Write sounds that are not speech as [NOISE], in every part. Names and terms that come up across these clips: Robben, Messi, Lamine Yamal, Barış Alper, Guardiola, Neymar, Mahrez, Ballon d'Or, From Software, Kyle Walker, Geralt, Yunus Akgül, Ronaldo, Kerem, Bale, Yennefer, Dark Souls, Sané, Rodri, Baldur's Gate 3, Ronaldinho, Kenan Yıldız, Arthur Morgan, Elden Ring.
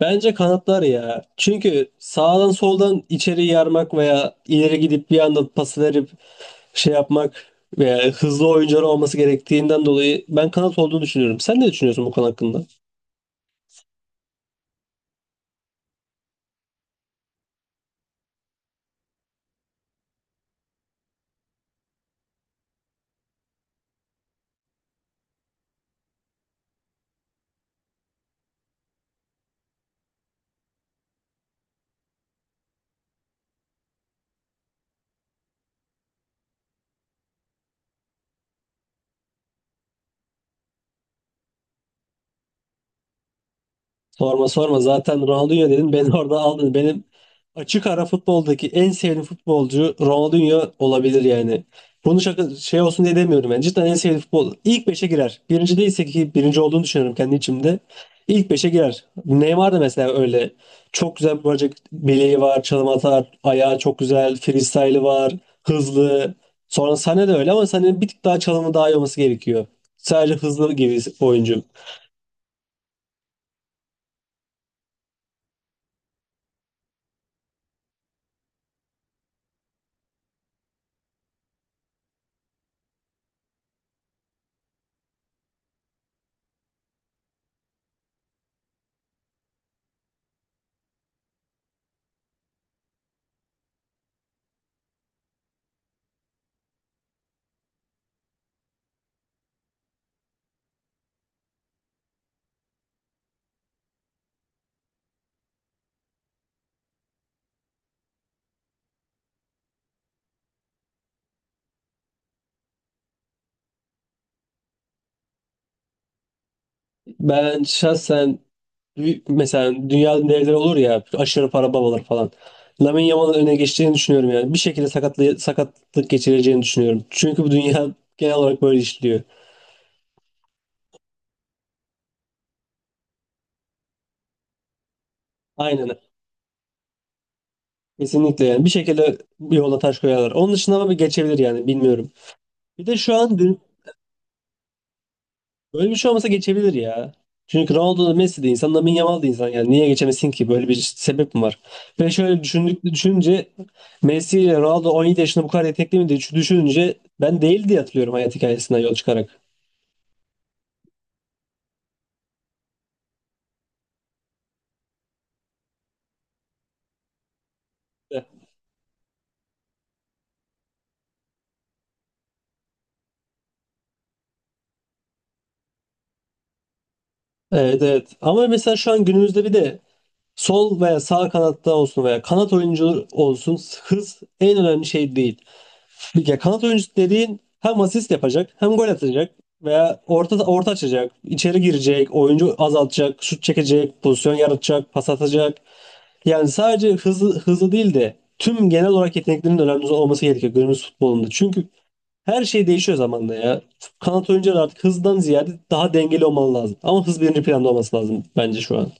Bence kanatlar ya. Çünkü sağdan soldan içeri yarmak veya ileri gidip bir anda pas verip şey yapmak veya hızlı oyuncular olması gerektiğinden dolayı ben kanat olduğunu düşünüyorum. Sen ne düşünüyorsun bu konu hakkında? Sorma sorma zaten Ronaldinho dedin beni [LAUGHS] orada aldın. Benim açık ara futboldaki en sevdiğim futbolcu Ronaldinho olabilir yani. Bunu şaka şey olsun diye demiyorum yani. Cidden en sevdiğim futbol. İlk 5'e girer. Birinci değilse ki birinci olduğunu düşünüyorum kendi içimde. İlk beşe girer. Neymar da mesela öyle. Çok güzel bir bacak bileği var, çalım atar, ayağı çok güzel, freestyle'ı var, hızlı. Sonra Sané de öyle ama Sané'nin bir tık daha çalımı daha iyi olması gerekiyor. Sadece hızlı gibi oyuncu. Ben şahsen mesela dünyanın devleri olur ya aşırı para babalar falan. Lamine Yamal'ın öne geçeceğini düşünüyorum yani. Bir şekilde sakatlık geçireceğini düşünüyorum. Çünkü bu dünya [LAUGHS] genel olarak böyle işliyor. Aynen. Kesinlikle yani. Bir şekilde bir yola taş koyarlar. Onun dışında ama bir geçebilir yani bilmiyorum. Bir de şu an dü- Böyle bir şey olmasa geçebilir ya. Çünkü Ronaldo da Messi de insan, Lamine Yamal da insan. Yani niye geçemesin ki? Böyle bir sebep mi var? Ve şöyle düşününce Messi ile Ronaldo 17 yaşında bu kadar yetenekli miydi? Düşününce ben değil diye hatırlıyorum hayat hikayesinden yol çıkarak. Evet evet. Ama mesela şu an günümüzde bir de sol veya sağ kanatta olsun veya kanat oyuncu olsun hız en önemli şey değil. [LAUGHS] Ya kanat oyuncusu dediğin hem asist yapacak, hem gol atacak veya orta açacak, içeri girecek, oyuncu azaltacak, şut çekecek, pozisyon yaratacak, pas atacak. Yani sadece hızlı değil de tüm genel olarak yeteneklerinin önemli olması gerekiyor günümüz futbolunda. Çünkü her şey değişiyor zamanla ya. Kanat oyuncuları artık hızdan ziyade daha dengeli olmalı lazım. Ama hız birinci planda olması lazım bence şu an.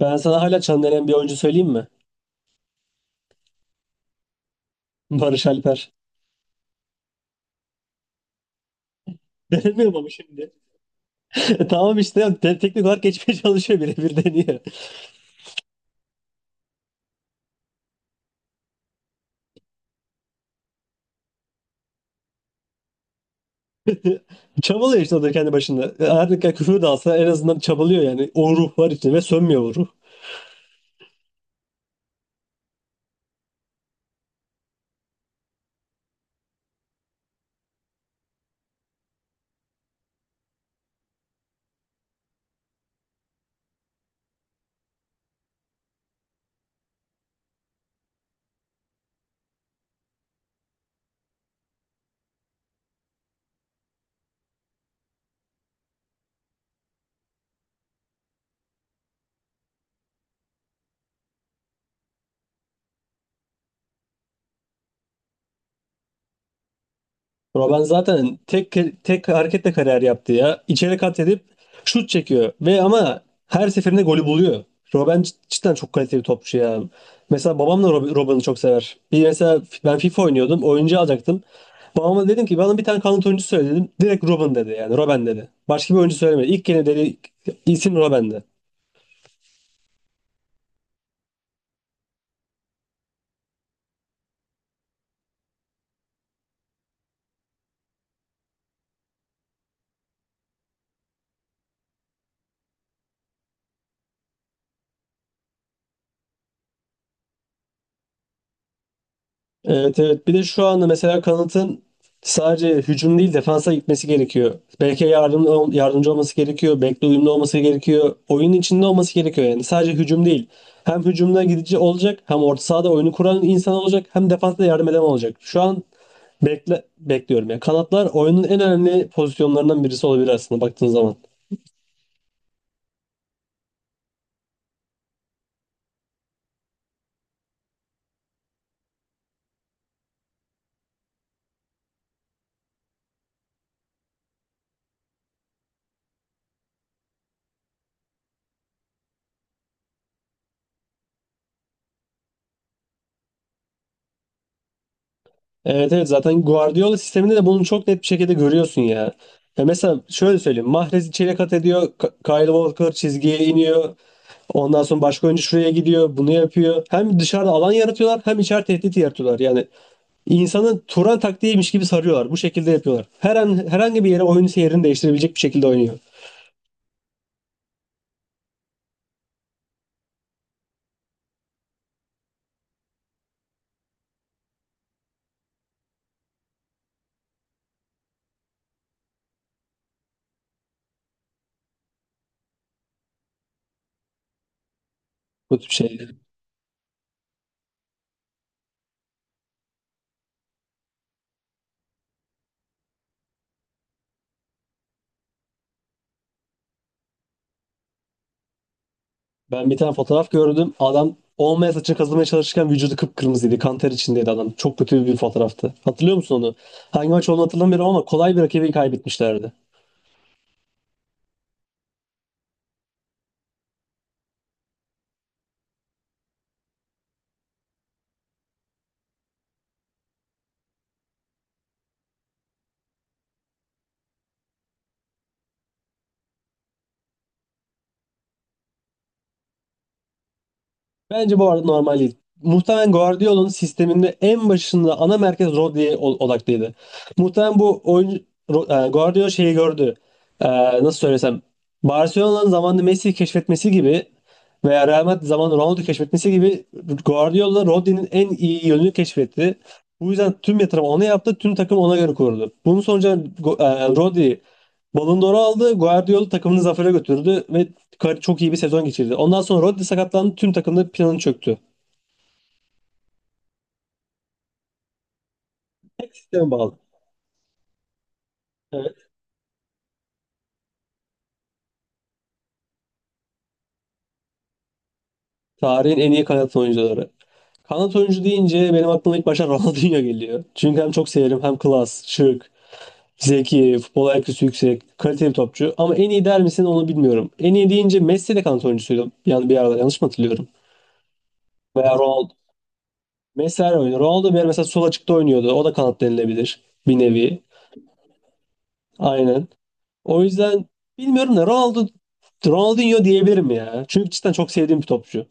Ben sana hala çan denen bir oyuncu söyleyeyim mi? Barış Alper. [LAUGHS] Denemiyorum ama şimdi. [LAUGHS] Tamam işte teknik olarak geçmeye çalışıyor, birebir deniyor. Çabalıyor işte o da kendi başında. Her ne kadar küfür de alsa en azından çabalıyor yani. O ruh var içinde ve sönmüyor o ruh. Bro ben zaten tek hareketle kariyer yaptı ya. İçeri kat edip şut çekiyor ve ama her seferinde golü buluyor. Robben cidden çok kaliteli topçu ya. Mesela babam da Robben'i çok sever. Bir mesela ben FIFA oynuyordum, oyuncu alacaktım. Babama dedim ki bana bir tane kanat oyuncu söyle dedim. Direkt Robben dedi yani, Robben dedi. Başka bir oyuncu söylemedi. İlk gene dedi isim Robben'di. Evet evet. Bir de şu anda mesela kanatın sadece hücum değil defansa gitmesi gerekiyor. Belki yardımcı olması gerekiyor. Bekle uyumlu olması gerekiyor. Oyunun içinde olması gerekiyor yani. Sadece hücum değil. Hem hücumda gidici olacak, hem orta sahada oyunu kuran insan olacak, hem defansta yardım eden olacak. Şu an bekliyorum. Yani kanatlar oyunun en önemli pozisyonlarından birisi olabilir aslında baktığın zaman. Evet evet zaten Guardiola sisteminde de bunu çok net bir şekilde görüyorsun ya. Ya mesela şöyle söyleyeyim. Mahrez içeri kat ediyor. Kyle Walker çizgiye iniyor. Ondan sonra başka oyuncu şuraya gidiyor. Bunu yapıyor. Hem dışarıda alan yaratıyorlar hem içeride tehdit yaratıyorlar. Yani insanı Turan taktiğiymiş gibi sarıyorlar. Bu şekilde yapıyorlar. Her an herhangi bir yere oyun seyrini değiştirebilecek bir şekilde oynuyor. Bu tip şey. Ben bir tane fotoğraf gördüm. Adam olmayan saçını kazımaya çalışırken vücudu kıpkırmızıydı. Kan ter içindeydi adam. Çok kötü bir fotoğraftı. Hatırlıyor musun onu? Hangi maç olduğunu hatırlamıyorum ama kolay bir rakibi kaybetmişlerdi. Bence bu arada normal değil. Muhtemelen Guardiola'nın sisteminde en başında ana merkez Rodri'ye odaklıydı. Muhtemelen bu oyuncu Guardiola şeyi gördü. E, Nasıl söylesem, Barcelona'nın zamanında Messi'yi keşfetmesi gibi veya Real Madrid zamanında Ronaldo'yu keşfetmesi gibi Guardiola Rodri'nin en iyi yönünü keşfetti. Bu yüzden tüm yatırım ona yaptı, tüm takım ona göre kuruldu. Bunun sonucu Rodri Ballon d'Or'u aldı, Guardiola takımını zafere götürdü ve çok iyi bir sezon geçirdi. Ondan sonra Rodri sakatlandı. Tüm takımda planı çöktü. Sisteme bağlı. Evet. Tarihin en iyi kanat oyuncuları. Kanat oyuncu deyince benim aklıma ilk başta [LAUGHS] Ronaldinho geliyor. Çünkü hem çok severim hem klas, şık, zeki, futbol IQ'su yüksek, kaliteli topçu. Ama en iyi der misin onu bilmiyorum. En iyi deyince Messi de kanat oyuncusuydu. Yani bir arada yanlış mı hatırlıyorum? Veya Ronaldo. Messi her oynuyor. Ronaldo bir ara mesela sol açıkta oynuyordu. O da kanat denilebilir. Bir nevi. Aynen. O yüzden bilmiyorum da Ronaldinho diyebilirim ya. Çünkü cidden çok sevdiğim bir topçu.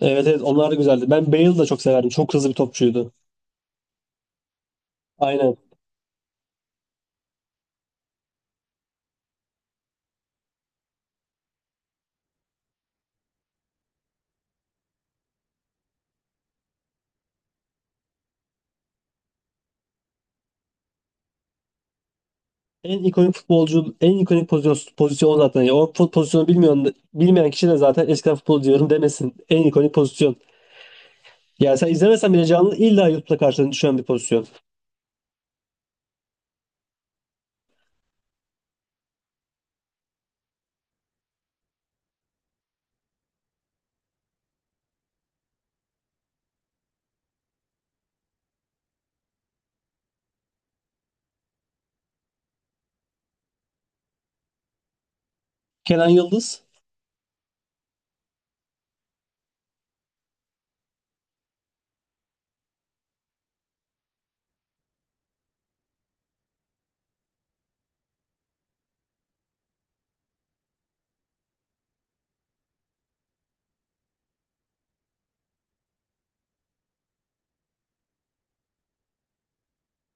Evet evet onlar da güzeldi. Ben Bale'ı da çok severdim. Çok hızlı bir topçuydu. Aynen. En ikonik futbolcu, en ikonik pozisyon o zaten. Ya, pozisyonu bilmiyor, bilmeyen kişi de zaten eskiden futbolcu diyorum demesin. En ikonik pozisyon. Yani sen izlemesen bile canlı illa YouTube'da karşına düşen bir pozisyon. Kenan Yıldız.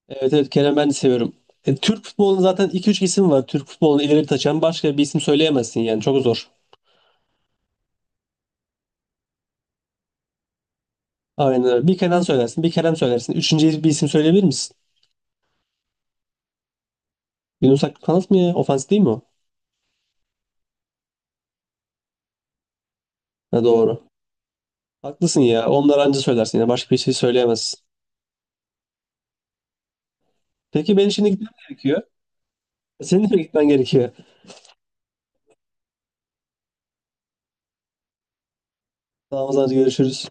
Evet evet Kenan ben de seviyorum. Türk futbolunun zaten iki üç isim var. Türk futbolunu ileri taşıyan başka bir isim söyleyemezsin yani. Çok zor. Aynen öyle. Bir Kenan söylersin, bir Kerem söylersin. Üçüncü bir isim söyleyebilir misin? Yunus Akgül kanat mı ya? Ofans değil mi o? Ha, doğru. Haklısın ya. Onları anca söylersin ya. Başka bir şey söyleyemezsin. Peki ben şimdi gitmem gerekiyor. Senin de mi gitmen gerekiyor? Tamam o zaman görüşürüz.